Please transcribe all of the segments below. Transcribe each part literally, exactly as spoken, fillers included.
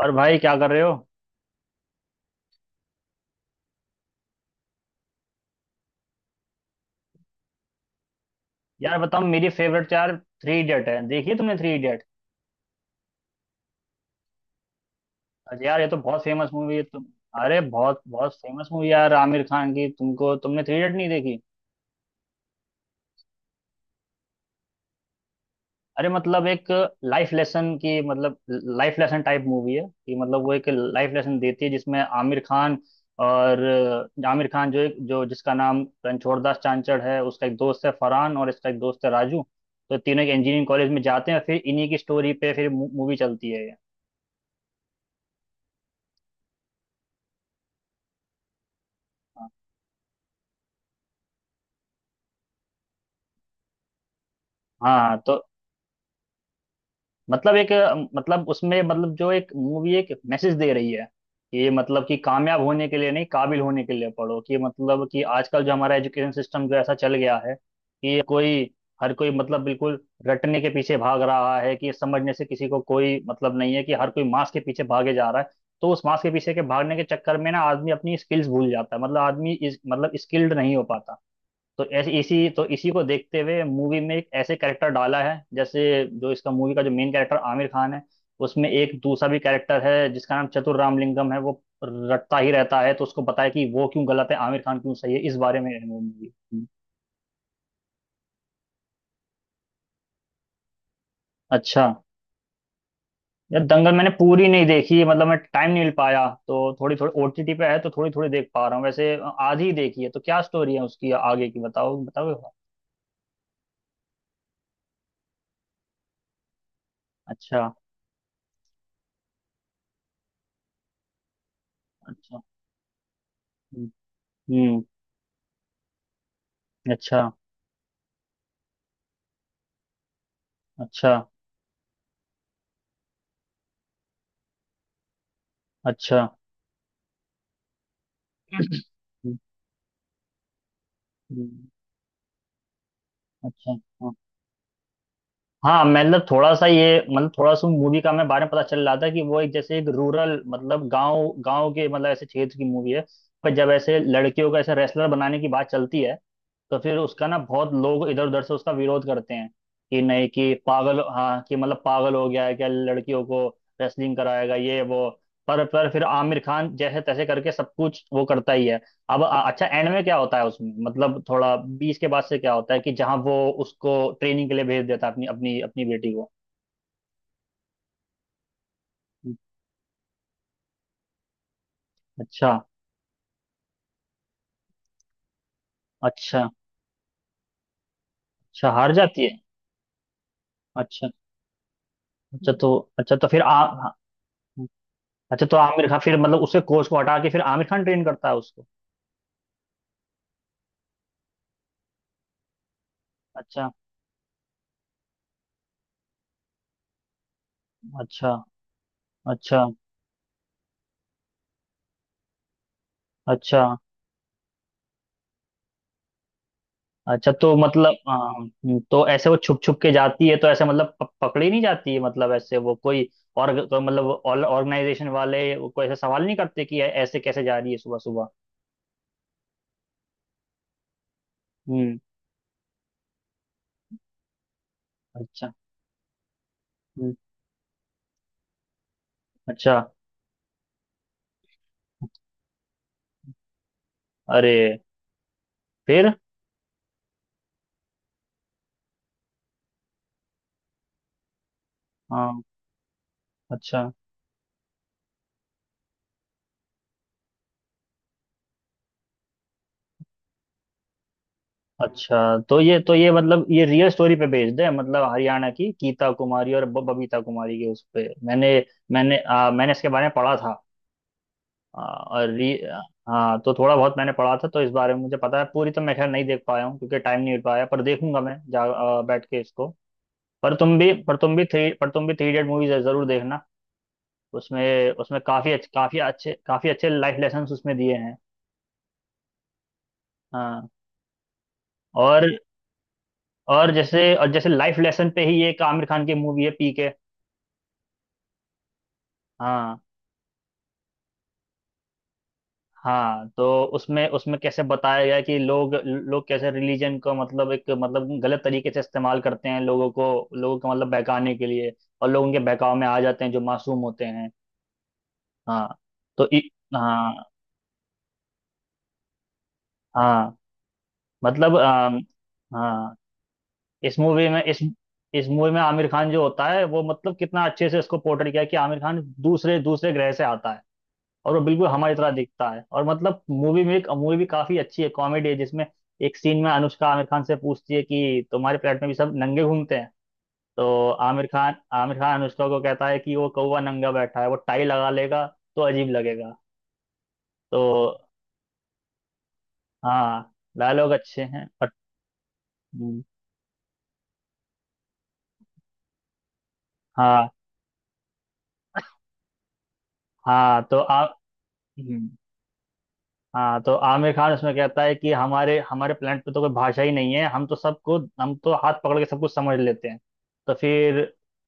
और भाई, क्या कर रहे हो? यार बताओ, मेरी फेवरेट यार थ्री इडियट है। देखिए, तुमने थ्री इडियट... अरे यार, ये तो बहुत फेमस मूवी है तुम... अरे बहुत बहुत फेमस मूवी यार, आमिर खान की। तुमको तुमने थ्री इडियट नहीं देखी? अरे मतलब, एक लाइफ लेसन की, मतलब लाइफ लेसन टाइप मूवी है कि, मतलब वो एक लाइफ लेसन देती है जिसमें आमिर खान और आमिर खान जो एक जो जिसका नाम रणछोड़ दास चांचड़ है, उसका एक दोस्त है फरहान और इसका एक दोस्त है राजू। तो तीनों एक इंजीनियरिंग कॉलेज में जाते हैं, फिर इन्हीं की स्टोरी पे फिर मूवी चलती है ये। हाँ। हाँ, तो मतलब एक, मतलब उसमें मतलब जो एक मूवी एक मैसेज दे रही है कि, मतलब कि कामयाब होने के लिए नहीं, काबिल होने के लिए पढ़ो। कि मतलब कि आजकल जो हमारा एजुकेशन सिस्टम जो ऐसा चल गया है कि कोई, हर कोई मतलब बिल्कुल रटने के पीछे भाग रहा है। कि समझने से किसी को कोई मतलब नहीं है, कि हर कोई मास के पीछे भागे जा रहा है। तो उस मास के पीछे के भागने के चक्कर में ना आदमी अपनी स्किल्स भूल जाता है, मतलब आदमी इस मतलब स्किल्ड नहीं हो पाता। तो ऐसे इसी तो इसी को देखते हुए मूवी में एक ऐसे कैरेक्टर डाला है जैसे, जो इसका मूवी का जो मेन कैरेक्टर आमिर खान है, उसमें एक दूसरा भी कैरेक्टर है जिसका नाम चतुर रामलिंगम है। वो रटता ही रहता है, तो उसको बताया कि वो क्यों गलत है, आमिर खान क्यों सही है, इस बारे में है वो मूवी। अच्छा। यार दंगल मैंने पूरी नहीं देखी, मतलब मैं टाइम नहीं मिल पाया, तो थोड़ी थोड़ी ओटीटी पे है तो थोड़ी थोड़ी देख पा रहा हूँ वैसे। आधी ही देखी है, तो क्या स्टोरी है उसकी आगे की? बताओ बताओ। अच्छा। अच्छा। हम्म। हम्म, अच्छा। अच्छा। अच्छा। हम्म। अच्छा। हाँ। हाँ, मतलब थोड़ा सा ये, मतलब थोड़ा सा मूवी का हमें बारे में पता चल रहा था कि वो एक जैसे एक रूरल, मतलब गांव गांव के, मतलब ऐसे क्षेत्र की मूवी है। पर जब ऐसे लड़कियों को ऐसे रेसलर बनाने की बात चलती है, तो फिर उसका ना बहुत लोग इधर उधर से उसका विरोध करते हैं कि नहीं, कि पागल, हाँ, कि मतलब पागल हो गया है क्या, लड़कियों को रेसलिंग कराएगा ये वो। पर पर फिर आमिर खान जैसे तैसे करके सब कुछ वो करता ही है। अब अ- अच्छा, एंड में क्या होता है उसमें, मतलब थोड़ा बीस के बाद से क्या होता है, कि जहाँ वो उसको ट्रेनिंग के लिए भेज देता है अपनी अपनी अपनी बेटी को। अच्छा। अच्छा। अच्छा हार जाती है? अच्छा। अच्छा तो, अच्छा तो फिर आ... हाँ, अच्छा तो आमिर खान फिर मतलब उसके कोच को हटा के फिर आमिर खान ट्रेन करता है उसको। अच्छा। अच्छा। अच्छा। अच्छा। अच्छा तो मतलब, हाँ, हम्म, तो ऐसे वो छुप छुप के जाती है तो ऐसे मतलब प- पकड़ी नहीं जाती है मतलब, ऐसे वो कोई... और तो मतलब ऑर्गेनाइजेशन वाले वो कोई ऐसा सवाल नहीं करते कि ऐ- ऐसे कैसे जा रही है सुबह सुबह? हम्म। अच्छा। हम्म। अच्छा। अरे। फिर... हाँ। अच्छा। अच्छा तो ये, तो ये मतलब ये रियल स्टोरी पे बेस्ड है, मतलब हरियाणा की गीता कुमारी और ब- बबीता कुमारी के उस पे मैंने, मैंने आ, मैंने इसके बारे में पढ़ा था। हाँ, और री... हाँ, तो थोड़ा बहुत मैंने पढ़ा था, तो इस बारे में मुझे पता है। पूरी तो मैं खैर नहीं देख पाया हूँ क्योंकि टाइम नहीं मिल पाया, पर देखूंगा मैं जा अ, बैठ के इसको। पर तुम भी पर तुम भी थ्री पर तुम भी थ्री इडियट मूवीज जरूर देखना। उसमें, उसमें काफी अच्छे, काफी अच्छे, काफी अच्छे लाइफ लेसन उसमें दिए हैं। हाँ। और और जैसे, और जैसे लाइफ लेसन पे ही एक आमिर खान की मूवी है पीके। हाँ। हाँ, तो उसमें, उसमें कैसे बताया गया कि लोग, लोग कैसे रिलीजन को मतलब एक मतलब गलत तरीके से इस्तेमाल करते हैं। लोगों को, लोगों को मतलब बहकाने के लिए, और लोग उनके बहकाव में आ जाते हैं जो मासूम होते हैं। हाँ। तो इ, हाँ। हाँ मतलब अम, हाँ, इस मूवी में इस इस मूवी में आमिर खान जो होता है वो मतलब कितना अच्छे से इसको पोर्ट्रेट किया है कि आमिर खान दूसरे दूसरे ग्रह से आता है और वो बिल्कुल हमारी तरह दिखता है। और मतलब मूवी में एक मूवी भी काफी अच्छी है, कॉमेडी है, जिसमें एक सीन में अनुष्का आमिर खान से पूछती है कि तुम्हारे प्लेट में भी सब नंगे घूमते हैं? तो आमिर खान आमिर खान अनुष्का को कहता है कि वो कौवा नंगा बैठा है, वो टाई लगा लेगा तो अजीब लगेगा। तो हाँ, डायलॉग अच्छे हैं। और हम्म, हाँ। हाँ तो आप... हम्म, हाँ, तो आमिर खान उसमें कहता है कि हमारे, हमारे प्लेनेट पे तो कोई भाषा ही नहीं है, हम तो सबको, हम तो हाथ पकड़ के सब कुछ समझ लेते हैं। तो फिर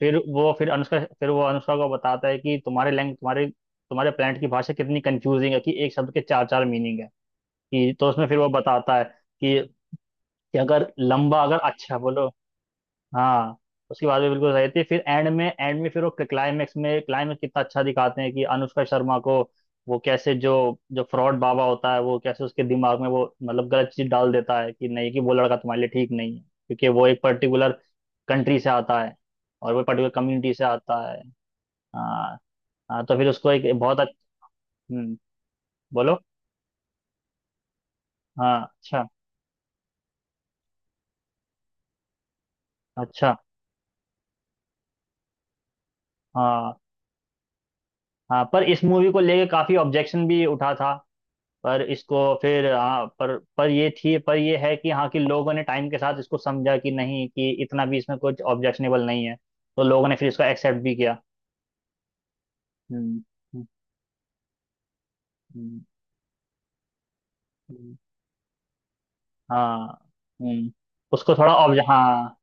फिर वो, फिर अनुष्का, फिर वो अनुष्का को बताता है कि तुम्हारे लैंग तुम्हारे, तुम्हारे प्लेनेट की भाषा कितनी कंफ्यूजिंग है कि एक शब्द के चार चार मीनिंग है। कि तो उसमें फिर वो बताता है कि, कि अगर लंबा, अगर अच्छा बोलो... हाँ, उसकी बात भी बिल्कुल सही थी। फिर एंड में, एंड में फिर वो क्लाइमेक्स में, क्लाइमेक्स कितना अच्छा दिखाते हैं कि अनुष्का शर्मा को वो कैसे जो, जो फ्रॉड बाबा होता है वो कैसे उसके दिमाग में वो मतलब गलत चीज डाल देता है कि नहीं कि वो लड़का तुम्हारे लिए ठीक नहीं है क्योंकि वो एक पर्टिकुलर कंट्री से आता है और वो पर्टिकुलर कम्युनिटी से आता है। हाँ। हाँ, तो फिर उसको एक बहुत... अच्छा बोलो। हाँ। अच्छा। अच्छा। हाँ। हाँ, पर इस मूवी को लेके काफी ऑब्जेक्शन भी उठा था। पर इसको फिर हाँ, पर पर ये थी, पर ये है कि हाँ, कि लोगों ने टाइम के साथ इसको समझा कि नहीं, कि इतना भी इसमें कुछ ऑब्जेक्शनेबल नहीं है। तो लोगों ने फिर इसको एक्सेप्ट भी किया। हम्म। हम्म, हम्म, हम्म, हाँ। हम्म। उसको थोड़ा ऑब्ज... हाँ।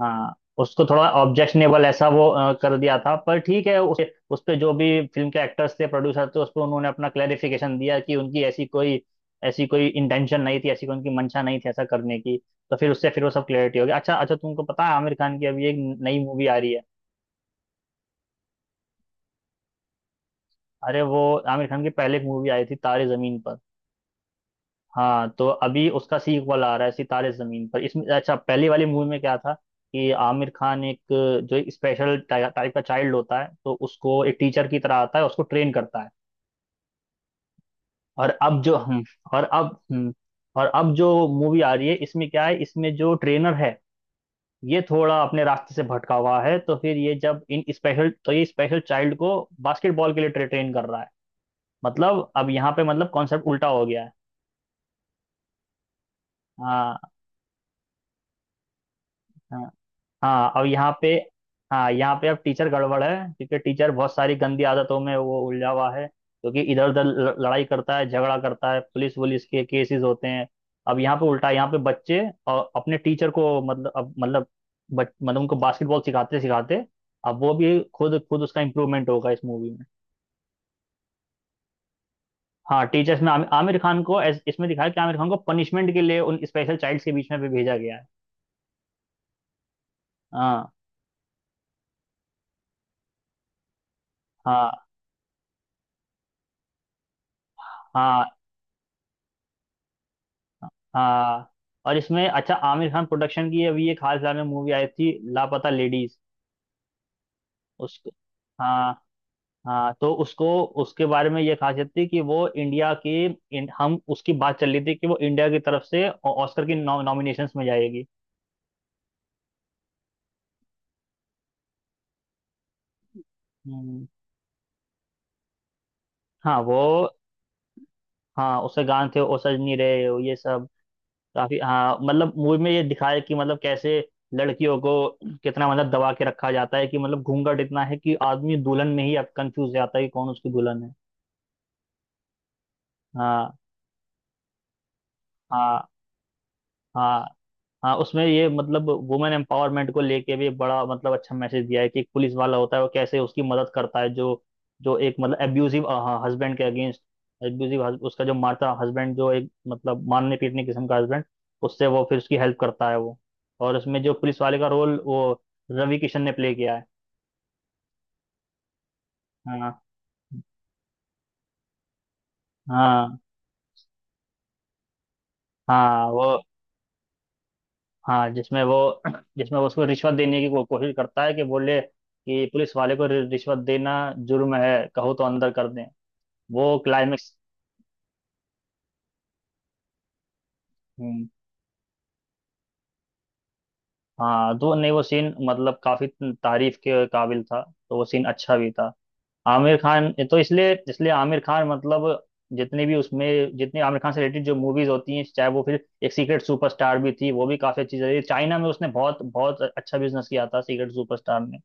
हाँ, उसको थोड़ा ऑब्जेक्शनेबल ऐसा वो अ, कर दिया था। पर ठीक है, उस उस पे जो भी फिल्म के एक्टर्स थे, प्रोड्यूसर थे, उस पे उन्होंने अपना क्लेरिफिकेशन दिया कि उनकी ऐसी कोई, ऐसी कोई इंटेंशन नहीं थी, ऐसी कोई उनकी मंशा नहीं थी ऐसा करने की। तो फिर उससे फिर वो सब क्लियरिटी हो गई। अच्छा अच्छा, तुमको पता है आमिर खान की अभी एक नई मूवी आ रही है? अरे वो, आमिर खान की पहले एक मूवी आई थी तारे जमीन पर। हाँ, तो अभी उसका सीक्वल आ रहा है सितारे जमीन पर। इसमें अच्छा, पहली वाली मूवी में क्या था कि आमिर खान एक जो एक स्पेशल टाइप का चाइल्ड होता है तो उसको एक टीचर की तरह आता है, उसको ट्रेन करता है। और अब जो हम, और अब हम्म, और अब जो मूवी आ रही है इसमें क्या है, इसमें जो ट्रेनर है ये थोड़ा अपने रास्ते से भटका हुआ है। तो फिर ये जब इन स्पेशल, तो ये स्पेशल चाइल्ड को बास्केटबॉल के लिए ट्रे, ट्रेन कर रहा है, मतलब अब यहाँ पे मतलब कॉन्सेप्ट उल्टा हो गया है। हाँ। हाँ। हाँ अब यहाँ पे, हाँ यहाँ पे अब टीचर गड़बड़ है क्योंकि टीचर बहुत सारी गंदी आदतों में वो उलझा हुआ है, क्योंकि इधर उधर ल- लड़ाई करता है, झगड़ा करता है, पुलिस वुलिस के केसेस होते हैं। अब यहाँ पे उल्टा है, यहाँ पे बच्चे और अपने टीचर को मतलब अब मतलब बच, मतलब उनको बास्केटबॉल सिखाते सिखाते अब वो भी खुद, खुद उसका इम्प्रूवमेंट होगा इस मूवी में। हाँ, टीचर्स में आमि- आमिर खान को ऐस- इसमें दिखाया कि आमिर खान को पनिशमेंट के लिए उन स्पेशल चाइल्ड्स के बीच में भी भेजा गया है। हाँ। हाँ। हाँ। हाँ। और इसमें अच्छा, आमिर खान प्रोडक्शन की अभी एक हाल फिलहाल में मूवी आई थी लापता लेडीज। उस, हाँ। हाँ, तो उसको, उसके बारे में ये खासियत थी कि वो इंडिया के इन- हम उसकी बात चल रही थी कि वो इंडिया की तरफ से ऑ- ऑस्कर की नॉ, नॉमिनेशंस में जाएगी। हम्म, हाँ वो, हाँ उसके गाने थे ओ सजनी रे, ये सब काफी, हाँ, मतलब मूवी में ये दिखाया कि मतलब कैसे लड़कियों को कितना मतलब दबा के रखा जाता है कि मतलब घूंघट इतना है कि आदमी दुल्हन में ही अब कंफ्यूज जाता है कि कौन उसकी दुल्हन है। हाँ। हाँ। हाँ। हाँ, उसमें ये मतलब वुमेन एम्पावरमेंट को लेके भी बड़ा मतलब अच्छा मैसेज दिया है कि एक पुलिस वाला होता है वो कैसे उसकी मदद करता है, जो, जो एक मतलब एब्यूजिव हस्बैंड के अगेंस्ट, एब्यूजिव उसका जो मारता हस्बैंड, जो एक मतलब मारने पीटने किस्म का हस्बैंड, उससे वो फिर उसकी हेल्प करता है वो। और उसमें जो पुलिस वाले का रोल वो रवि किशन ने प्ले किया है। हाँ। हाँ। हाँ वो, हाँ जिसमें वो, जिसमें वो उसको रिश्वत देने की को, कोशिश करता है कि बोले कि पुलिस वाले को रि- रिश्वत देना जुर्म है, कहो तो अंदर कर दें। वो क्लाइमेक्स... हम्म। हाँ तो नहीं, वो सीन मतलब काफी तारीफ के काबिल था। तो वो सीन अच्छा भी था। आमिर खान तो, इसलिए इसलिए आमिर खान मतलब, जितने भी उसमें जितने आमिर खान से रिलेटेड जो मूवीज होती हैं, चाहे वो फिर एक सीक्रेट सुपरस्टार भी थी, वो भी काफी अच्छी चली चाइना में, उसने बहुत बहुत अच्छा बिजनेस किया था सीक्रेट सुपरस्टार में।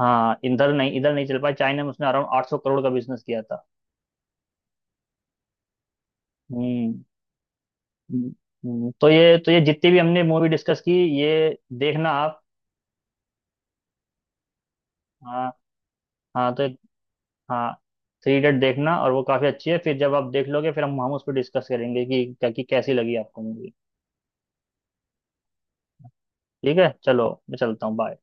हाँ इधर नहीं, इधर नहीं चल पाया। चाइना में उसने अराउंड आठ सौ करोड़ का बिजनेस किया था। हम्म। हम्म, हम्म। तो ये, तो ये जितनी भी हमने मूवी डिस्कस की ये देखना आप। हाँ। हाँ तो, हाँ थ्री इडियट देखना, और वो काफी अच्छी है। फिर जब आप देख लोगे फिर हम हम उस पर डिस्कस करेंगे कि, कि कैसी लगी आपको मूवी। ठीक है, चलो मैं चलता हूँ, बाय।